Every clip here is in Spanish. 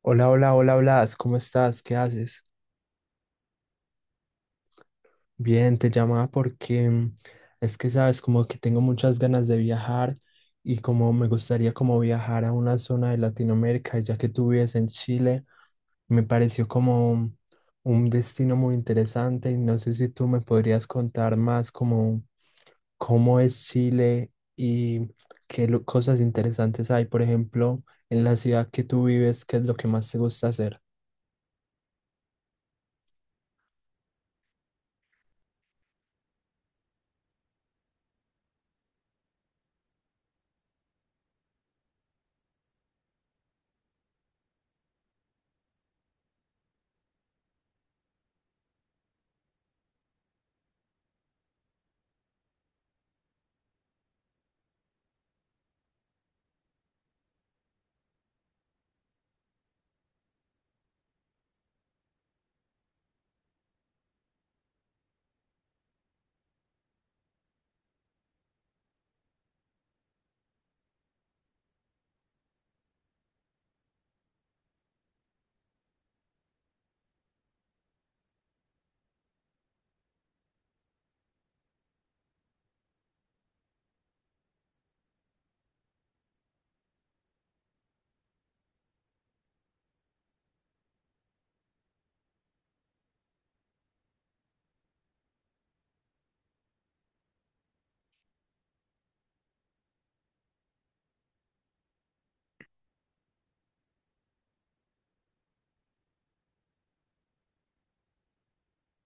Hola, hola, hola, Blas, ¿cómo estás? ¿Qué haces? Bien, te llamaba porque es que sabes, como que tengo muchas ganas de viajar y como me gustaría como viajar a una zona de Latinoamérica, ya que tú vives en Chile, me pareció como un destino muy interesante y no sé si tú me podrías contar más como cómo es Chile y cosas interesantes hay, por ejemplo, en la ciudad que tú vives, ¿qué es lo que más te gusta hacer?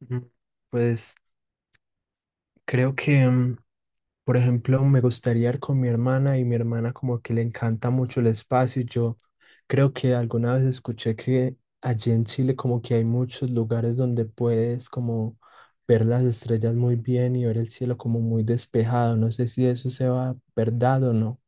Mm, Pues creo que por ejemplo, me gustaría ir con mi hermana y mi hermana como que le encanta mucho el espacio. Yo creo que alguna vez escuché que allí en Chile como que hay muchos lugares donde puedes como ver las estrellas muy bien y ver el cielo como muy despejado. No sé si eso sea verdad o no.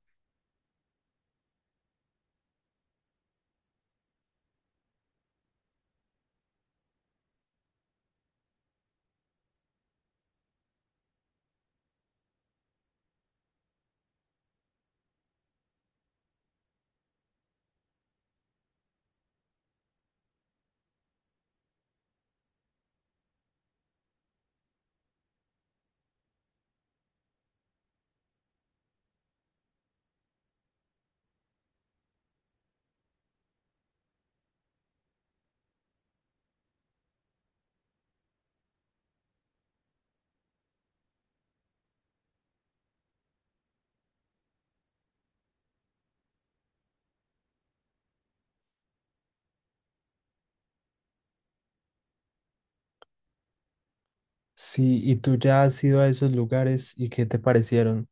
Sí, ¿y tú ya has ido a esos lugares y qué te parecieron?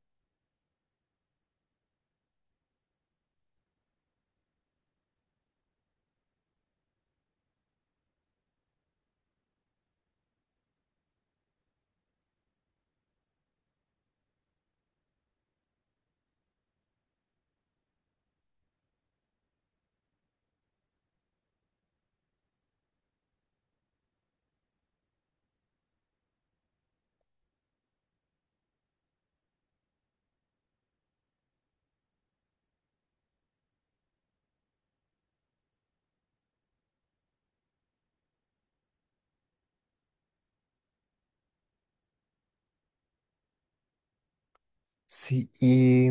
Sí, y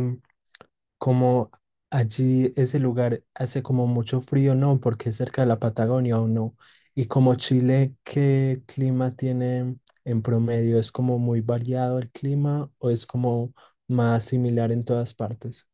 como allí ese lugar hace como mucho frío, ¿no? Porque es cerca de la Patagonia o no. Y como Chile, ¿qué clima tiene en promedio? ¿Es como muy variado el clima o es como más similar en todas partes?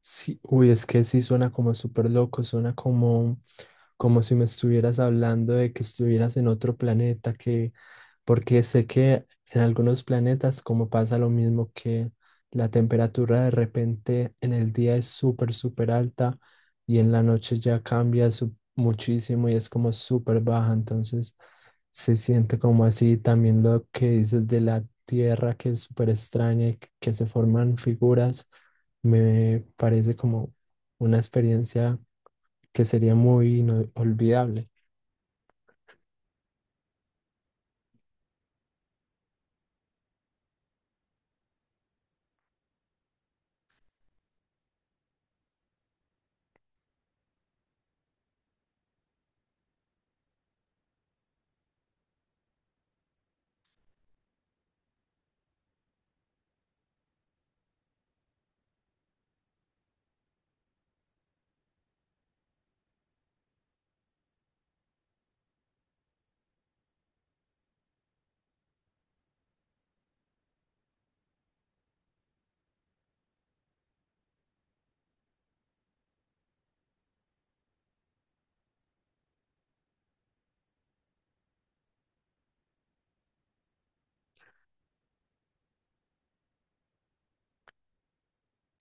Sí, uy, es que sí suena como súper loco, suena como, como si me estuvieras hablando de que estuvieras en otro planeta, que, porque sé que en algunos planetas como pasa lo mismo que la temperatura de repente en el día es súper, súper alta y en la noche ya cambia muchísimo y es como súper baja, entonces se siente como así también lo que dices de la Tierra que es súper extraña y que se forman figuras. Me parece como una experiencia que sería muy inolvidable.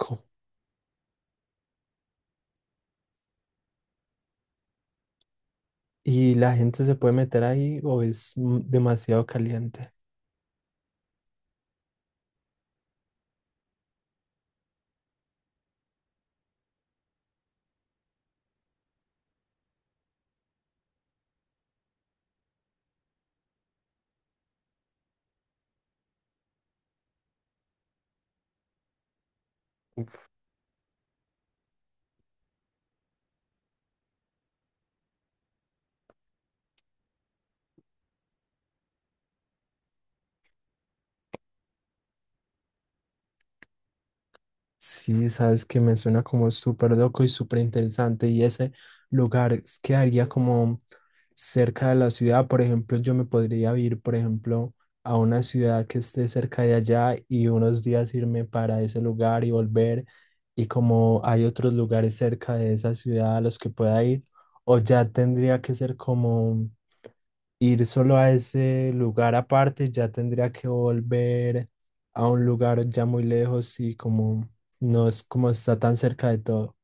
Co- ¿Y la gente se puede meter ahí o es demasiado caliente? Sí, sabes que me suena como súper loco y súper interesante. Y ese lugar quedaría como cerca de la ciudad. Por ejemplo, yo me podría ir, por ejemplo, a una ciudad que esté cerca de allá y unos días irme para ese lugar y volver. Y como hay otros lugares cerca de esa ciudad a los que pueda ir, o ya tendría que ser como ir solo a ese lugar aparte, ya tendría que volver a un lugar ya muy lejos y como no es como está tan cerca de todo.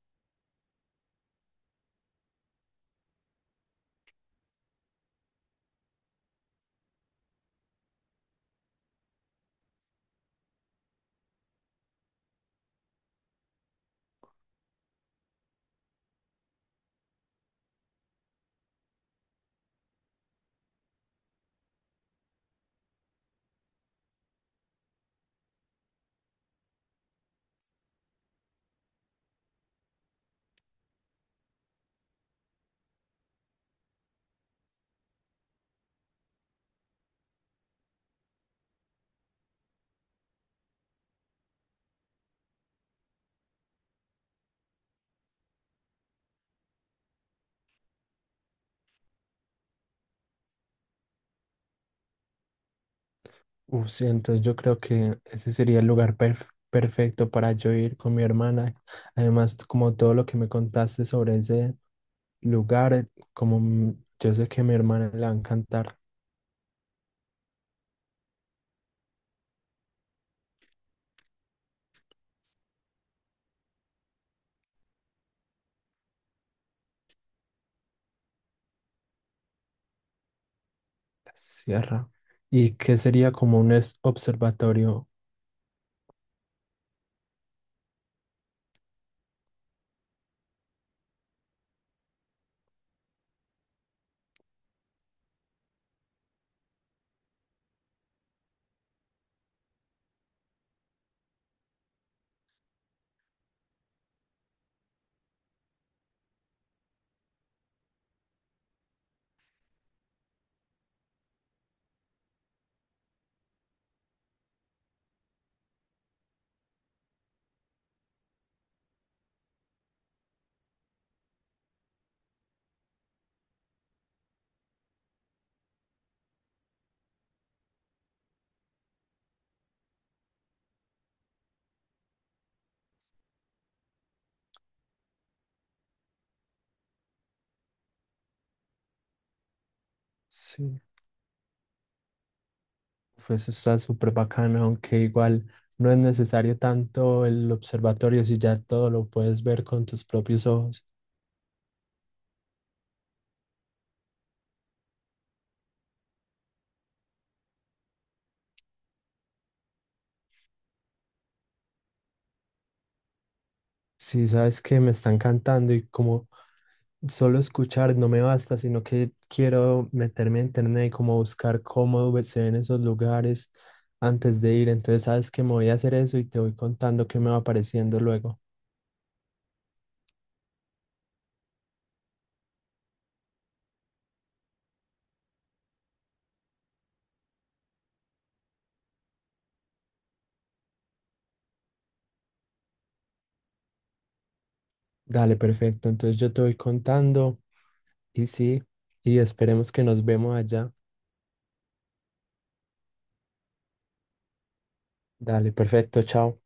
Uf, sí, entonces yo creo que ese sería el lugar perfecto para yo ir con mi hermana. Además, como todo lo que me contaste sobre ese lugar, como yo sé que a mi hermana le va a encantar la sierra y que sería como un observatorio. Sí. Uf, eso está súper bacano, aunque igual no es necesario tanto el observatorio si ya todo lo puedes ver con tus propios ojos. Si sabes que me están cantando y como solo escuchar no me basta, sino que quiero meterme a internet y como buscar cómo se ven esos lugares antes de ir. Entonces sabes que me voy a hacer eso y te voy contando qué me va apareciendo luego. Dale, perfecto. Entonces yo te voy contando y sí, y esperemos que nos vemos allá. Dale, perfecto, chao.